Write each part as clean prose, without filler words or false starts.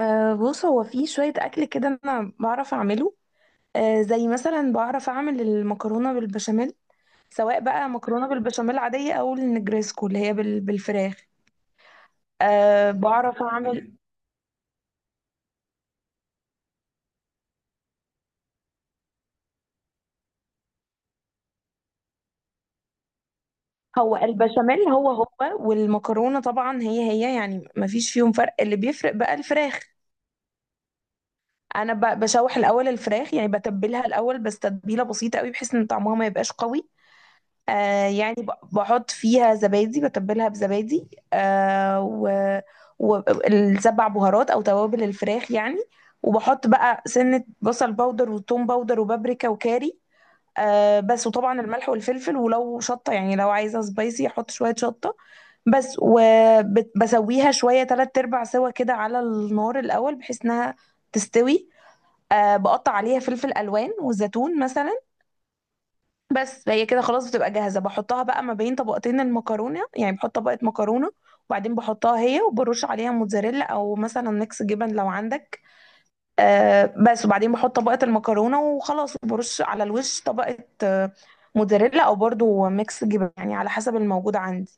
بص، هو في شوية أكل كده أنا بعرف أعمله. زي مثلا بعرف أعمل المكرونة بالبشاميل، سواء بقى مكرونة بالبشاميل عادية أو النجريسكو اللي هي بالفراخ. أه، بعرف أعمل. هو البشاميل هو هو، والمكرونة طبعا هي هي، يعني مفيش فيهم فرق، اللي بيفرق بقى الفراخ. أنا بشوح الأول الفراخ، يعني بتبلها الأول بس تتبيلة بسيطة قوي بحيث إن طعمها ما يبقاش قوي. يعني بحط فيها زبادي، بتبلها بزبادي. آه و والسبع بهارات او توابل الفراخ يعني، وبحط بقى سنة بصل باودر وثوم باودر وبابريكا وكاري. بس، وطبعا الملح والفلفل، ولو شطة يعني لو عايزة سبايسي احط شوية شطة. بس، وبسويها شوية تلات ارباع سوا كده على النار الاول بحيث انها تستوي. بقطع عليها فلفل الوان وزيتون مثلا. بس، هي كده خلاص بتبقى جاهزة، بحطها بقى ما بين طبقتين المكرونة، يعني بحط طبقة مكرونة وبعدين بحطها هي وبرش عليها موتزاريلا او مثلا ميكس جبن لو عندك. بس، وبعدين بحط طبقة المكرونة وخلاص، وبرش على الوش طبقة، آه موتزاريلا او برضو ميكس جبن يعني على حسب الموجود عندي.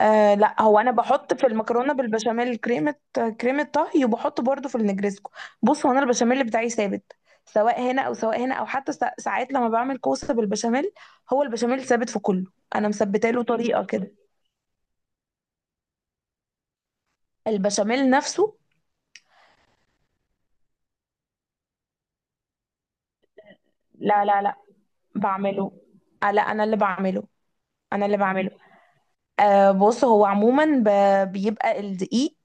لا، هو انا بحط في المكرونه بالبشاميل كريمه طهي، وبحط برضو في النجريسكو. بص، هو انا البشاميل بتاعي ثابت، سواء هنا او حتى ساعات لما بعمل كوسه بالبشاميل، هو البشاميل ثابت في كله، انا مثبته له طريقه كده. البشاميل نفسه. لا لا لا، بعمله. آه، لا، انا اللي بعمله، انا اللي بعمله. بص، هو عموما بيبقى الدقيق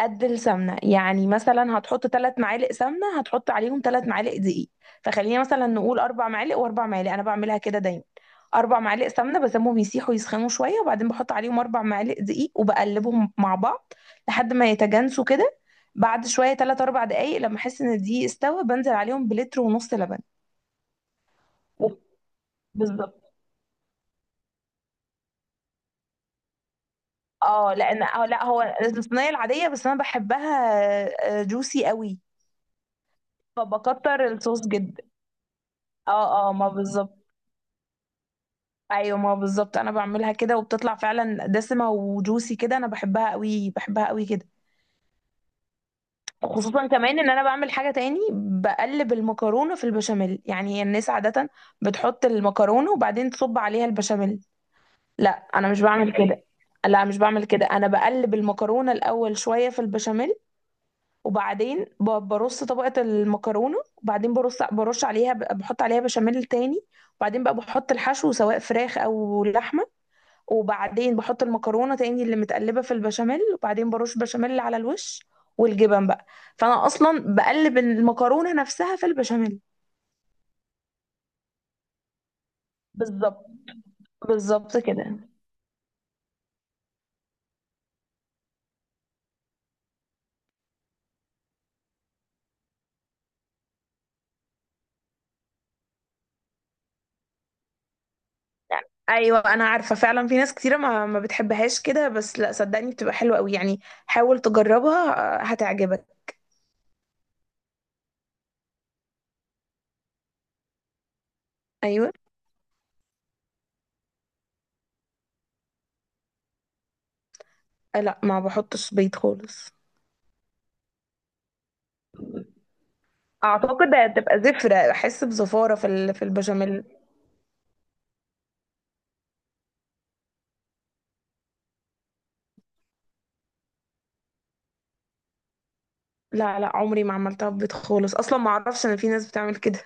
قد السمنه، يعني مثلا هتحط 3 معالق سمنه هتحط عليهم 3 معالق دقيق، فخلينا مثلا نقول 4 معالق واربع معالق، انا بعملها كده دايما. 4 معالق سمنه بسيبهم يسيحوا يسخنوا شويه، وبعدين بحط عليهم 4 معالق دقيق وبقلبهم مع بعض لحد ما يتجانسوا كده. بعد شويه 3 او 4 دقائق لما احس ان الدقيق استوى بنزل عليهم بلتر ونص لبن. و- بالظبط. اه لان اه لا، هو الصينيه العاديه، بس انا بحبها جوسي قوي، فبكتر الصوص جدا. اه اه، ما بالظبط. ايوه، ما هو بالظبط، انا بعملها كده وبتطلع فعلا دسمه وجوسي كده، انا بحبها قوي بحبها قوي كده. خصوصا كمان ان انا بعمل حاجه تاني، بقلب المكرونه في البشاميل. يعني الناس عاده بتحط المكرونه وبعدين تصب عليها البشاميل، لا انا مش بعمل كده. لا، مش بعمل كده، انا بقلب المكرونه الاول شويه في البشاميل، وبعدين برص طبقه المكرونه، وبعدين برش عليها بحط عليها بشاميل تاني، وبعدين بقى بحط الحشو سواء فراخ او لحمه، وبعدين بحط المكرونه تاني اللي متقلبه في البشاميل، وبعدين برش بشاميل على الوش والجبن بقى. فانا اصلا بقلب المكرونه نفسها في البشاميل. بالظبط، بالظبط كده. ايوه، انا عارفه فعلا في ناس كتيره ما بتحبهاش كده، بس لا صدقني بتبقى حلوه قوي يعني، حاول تجربها. هتعجبك. ايوه. لا، ما بحطش بيض خالص. اعتقد هتبقى زفره، احس بزفاره في في البشاميل. لا لا، عمري ما عملتها ببيض خالص، اصلا ما اعرفش ان في ناس بتعمل كده.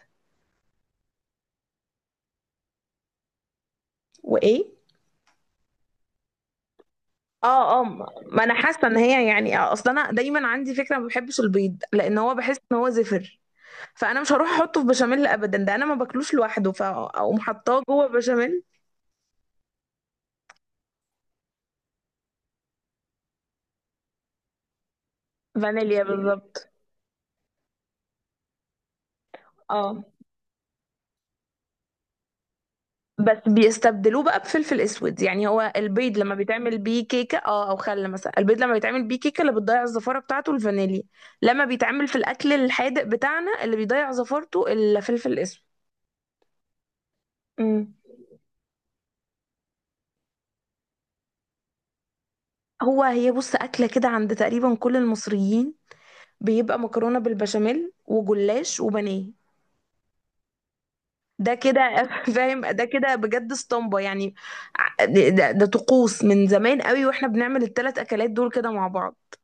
وايه. اه اه، ما انا حاسه ان هي، يعني اصل انا دايما عندي فكره ما بحبش البيض لان هو بحس ان هو زفر، فانا مش هروح احطه في بشاميل ابدا، ده انا ما باكلوش لوحده فاقوم حطاه جوه بشاميل. فانيليا بالظبط. اه بس بيستبدلوه بقى بفلفل اسود، يعني هو البيض لما بيتعمل بيه كيكه، اه، او خل مثلا، البيض لما بيتعمل بيه كيكه اللي بتضيع الزفاره بتاعته الفانيليا. لما بيتعمل في الاكل الحادق بتاعنا اللي بيضيع زفارته الفلفل الاسود. هي بص أكلة كده عند تقريبا كل المصريين، بيبقى مكرونة بالبشاميل وجلاش وبانيه. ده كده فاهم، ده كده بجد اسطمبة يعني. ده طقوس من زمان قوي، واحنا بنعمل ال3 أكلات دول كده مع بعض.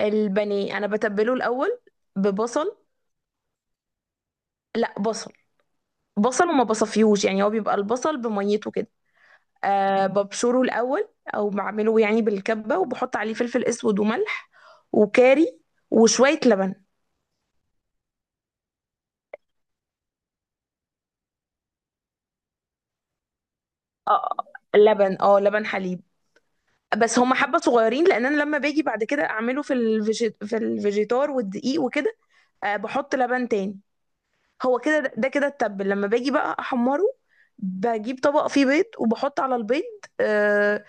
البانيه أنا بتبله الأول ببصل. لا، بصل. بصل وما بصفيهوش، يعني هو بيبقى البصل بميته كده. ببشره الأول، أو بعمله يعني بالكبة، وبحط عليه فلفل أسود وملح وكاري وشوية لبن. اه. لبن حليب. بس هم حبة صغيرين لان انا لما باجي بعد كده اعمله في الفيجيتار والدقيق وكده. بحط لبن تاني. هو كده، ده كده التبل، لما باجي بقى احمره، بجيب طبق فيه بيض وبحط على البيض آه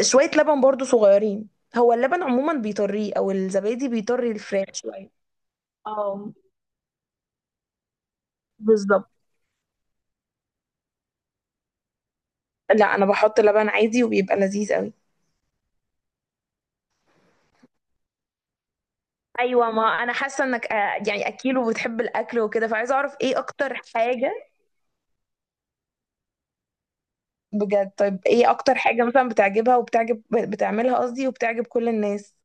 شوية لبن برضو صغيرين. هو اللبن عموما بيطريه او الزبادي بيطري الفراخ شوية. اه، بالظبط. لا انا بحط لبن عادي وبيبقى لذيذ قوي. ايوه، ما انا حاسه انك يعني اكيل وبتحب الاكل وكده، فعايزه اعرف ايه اكتر حاجه. بجد؟ طيب ايه اكتر حاجه مثلا بتعجبها وبتعجب بتعملها قصدي، وبتعجب كل الناس.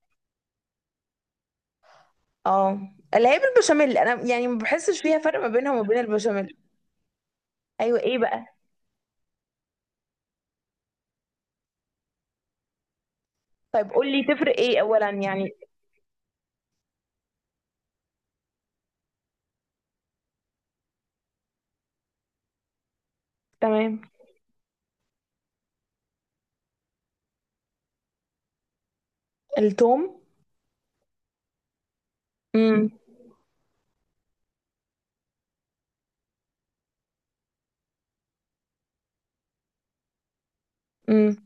اه، اللي هي بالبشاميل. انا يعني ما بحسش فيها فرق ما بينها وما بين البشاميل. ايوه، ايه بقى؟ طيب قول لي تفرق ايه اولا يعني. تمام. التوم. امم. امم.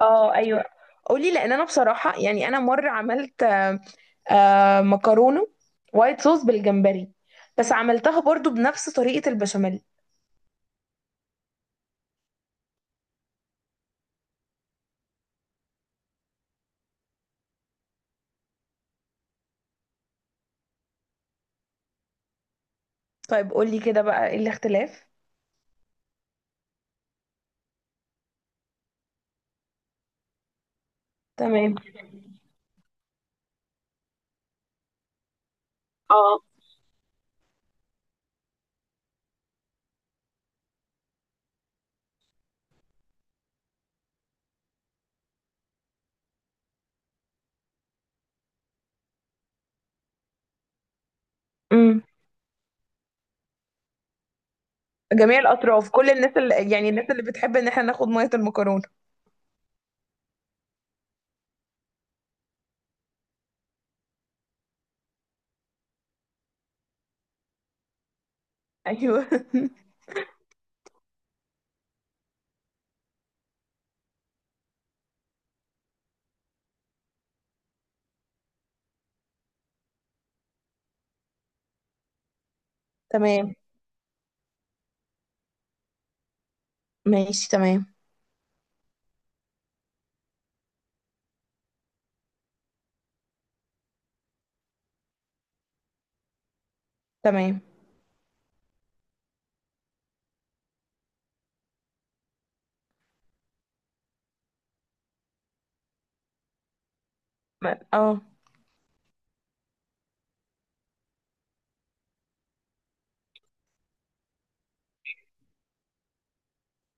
اه ايوه، قولي، لان انا بصراحه يعني انا مره عملت مكرونه وايت صوص بالجمبري، بس عملتها برضو بنفس طريقه البشاميل. طيب قولي كده بقى ايه الاختلاف؟ تمام. اه. امم. جميع الاطراف، كل الناس اللي، يعني الناس اللي بتحب ان احنا ناخد ميه المكرونه. ايوه. تمام. ماشي، تمام. تمام. ما- اه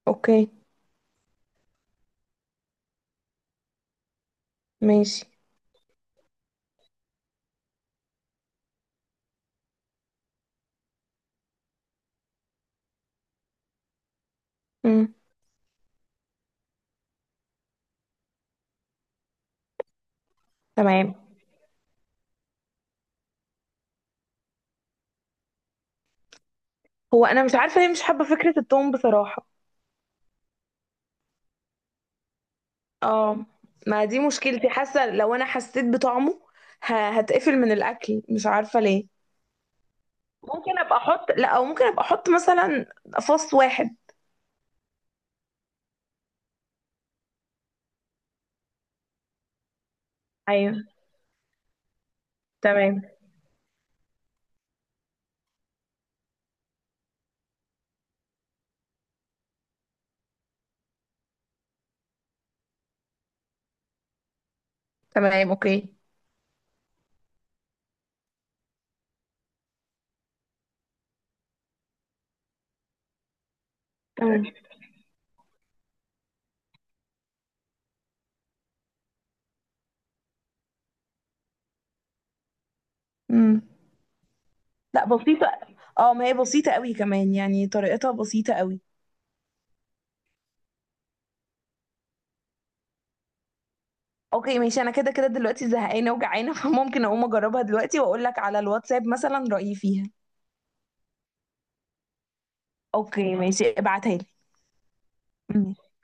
اوكي، ماشي. امم. تمام. هو انا مش عارفه ليه مش حابه فكره التوم بصراحه. اه، ما دي مشكلتي، حاسه لو انا حسيت بطعمه هتقفل من الاكل مش عارفه ليه. ممكن ابقى احط لا او ممكن ابقى احط مثلا فص واحد. ايوه. تمام. تمام. اوكي. تمام. امم. لا، بسيطة. اه، ما هي بسيطة قوي كمان، يعني طريقتها بسيطة قوي. اوكي ماشي، انا كده كده دلوقتي زهقانة وجعانة فممكن اقوم اجربها دلوقتي واقول لك على الواتساب مثلا رأيي فيها. اوكي ماشي، ابعتها لي.